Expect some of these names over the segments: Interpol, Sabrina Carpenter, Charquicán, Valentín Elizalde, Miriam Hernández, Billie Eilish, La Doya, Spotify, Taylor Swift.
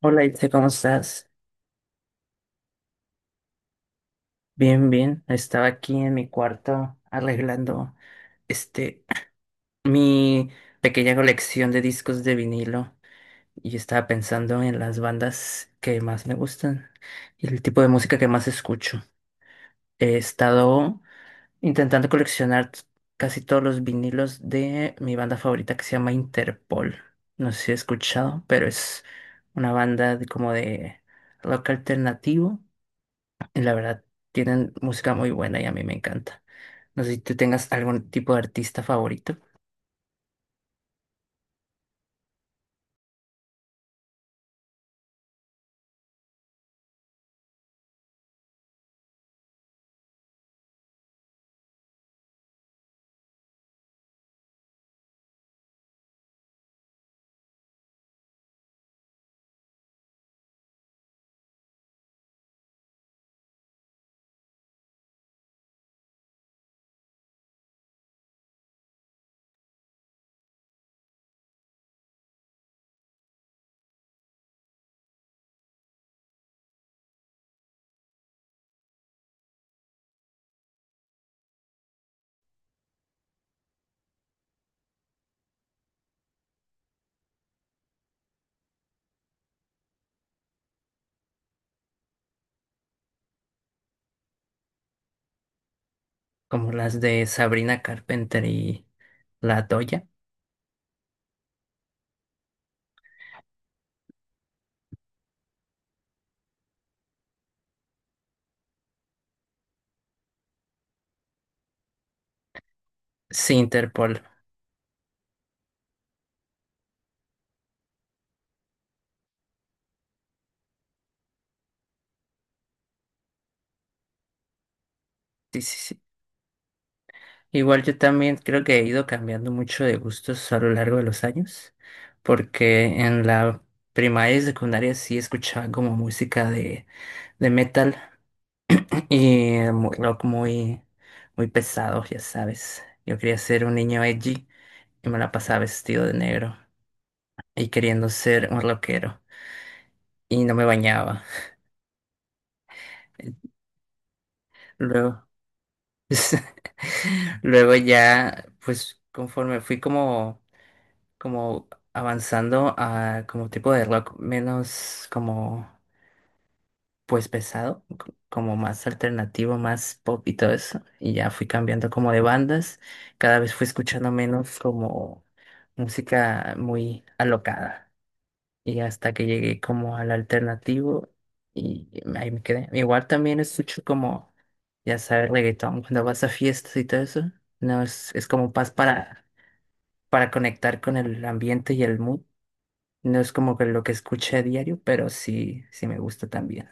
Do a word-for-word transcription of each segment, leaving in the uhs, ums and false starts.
Hola, Itze, ¿cómo estás? Bien, bien. Estaba aquí en mi cuarto arreglando este mi pequeña colección de discos de vinilo y estaba pensando en las bandas que más me gustan y el tipo de música que más escucho. He estado intentando coleccionar t- casi todos los vinilos de mi banda favorita que se llama Interpol. No sé si he escuchado, pero es una banda de- como de rock alternativo. La verdad, tienen música muy buena y a mí me encanta. No sé si tú tengas algún tipo de artista favorito, como las de Sabrina Carpenter y La Doya. Sí, Interpol. Sí, sí, sí. Igual yo también creo que he ido cambiando mucho de gustos a lo largo de los años, porque en la primaria y secundaria sí escuchaba como música de, de metal y muy rock, muy, muy pesado, ya sabes. Yo quería ser un niño edgy y me la pasaba vestido de negro, y queriendo ser un rockero y no me bañaba. Luego, luego ya, pues conforme fui como, como avanzando a como tipo de rock menos como pues pesado, co- como más alternativo, más pop y todo eso, y ya fui cambiando como de bandas, cada vez fui escuchando menos como música muy alocada, y hasta que llegué como al alternativo y ahí me quedé. Igual también escucho como, ya sabes, reggaetón cuando vas a fiestas y todo eso. No es, es como paz para, para conectar con el ambiente y el mood. No es como que lo que escuché a diario, pero sí, sí me gusta también.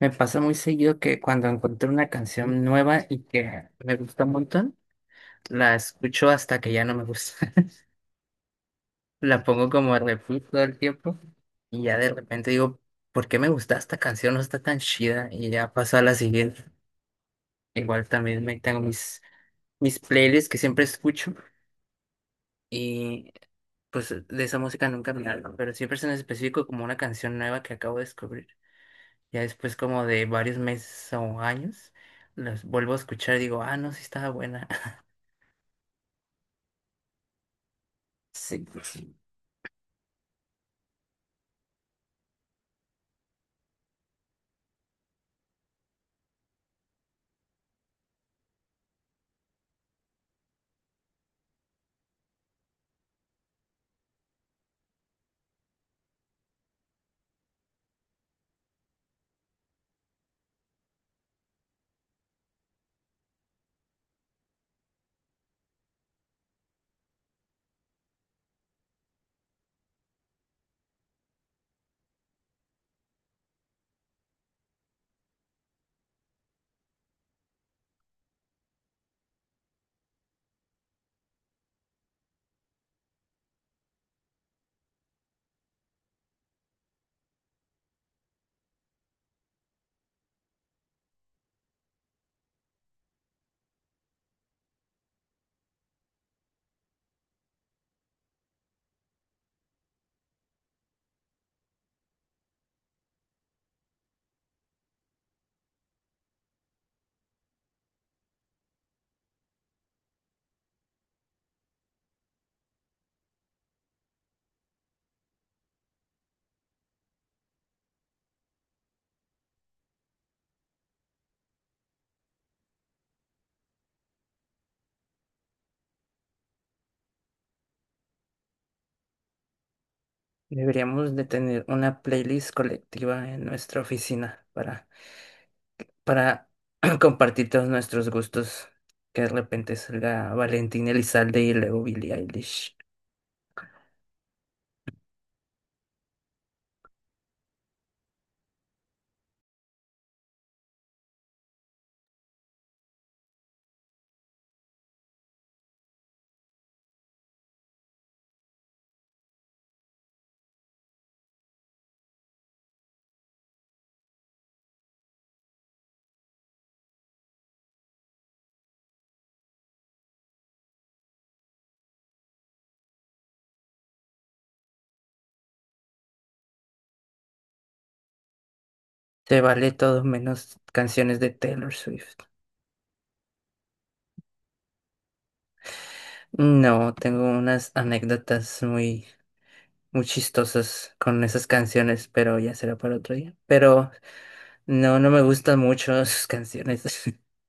Me pasa muy seguido que cuando encuentro una canción nueva y que me gusta un montón, la escucho hasta que ya no me gusta. La pongo como a repeat todo el tiempo y ya de repente digo, ¿por qué me gusta esta canción? No está tan chida y ya paso a la siguiente. Igual también me tengo mis, mis playlists que siempre escucho y pues de esa música nunca me hablo, pero siempre es en específico como una canción nueva que acabo de descubrir. Ya después como de varios meses o años, las vuelvo a escuchar y digo, ah, no, sí estaba buena. Sí, pues, deberíamos de tener una playlist colectiva en nuestra oficina para para compartir todos nuestros gustos. Que de repente salga Valentín Elizalde y luego Billie Eilish. Se vale todo menos canciones de Taylor Swift. No, tengo unas anécdotas muy, muy chistosas con esas canciones, pero ya será para otro día. Pero no, no me gustan mucho sus canciones.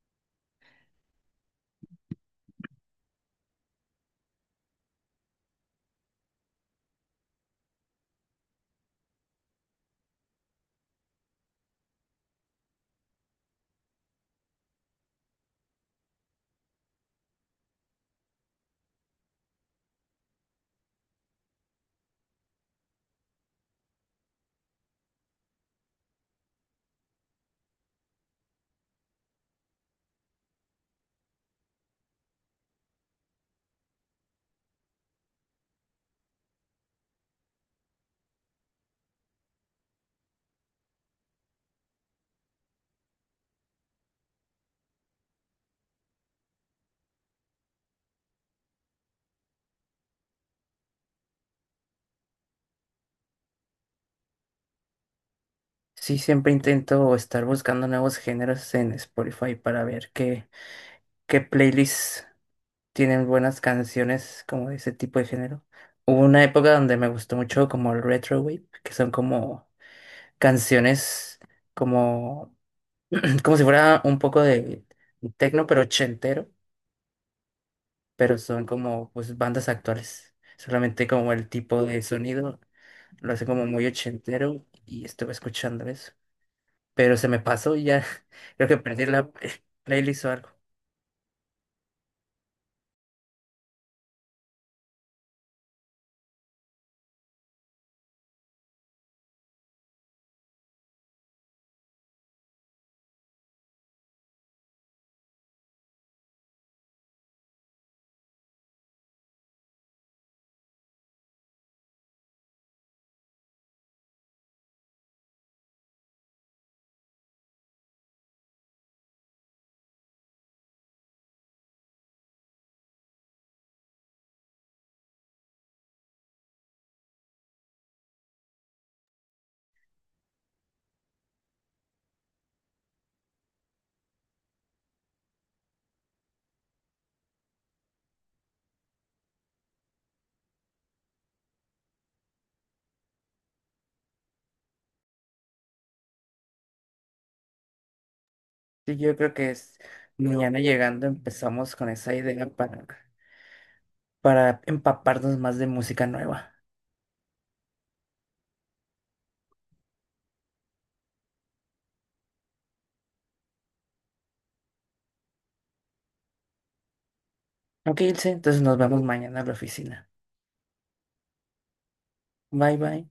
Sí, siempre intento estar buscando nuevos géneros en Spotify para ver qué, qué playlist tienen buenas canciones como de ese tipo de género. Hubo una época donde me gustó mucho como el retro wave, que son como canciones como como si fuera un poco de techno pero ochentero, pero son como pues bandas actuales. Solamente como el tipo de sonido lo hace como muy ochentero y estuve escuchando eso, pero se me pasó y ya creo que perdí la playlist o algo. Sí, yo creo que es mañana llegando empezamos con esa idea para para empaparnos más de música nueva. Ok, Ilse, entonces nos vemos mañana en la oficina. Bye, bye.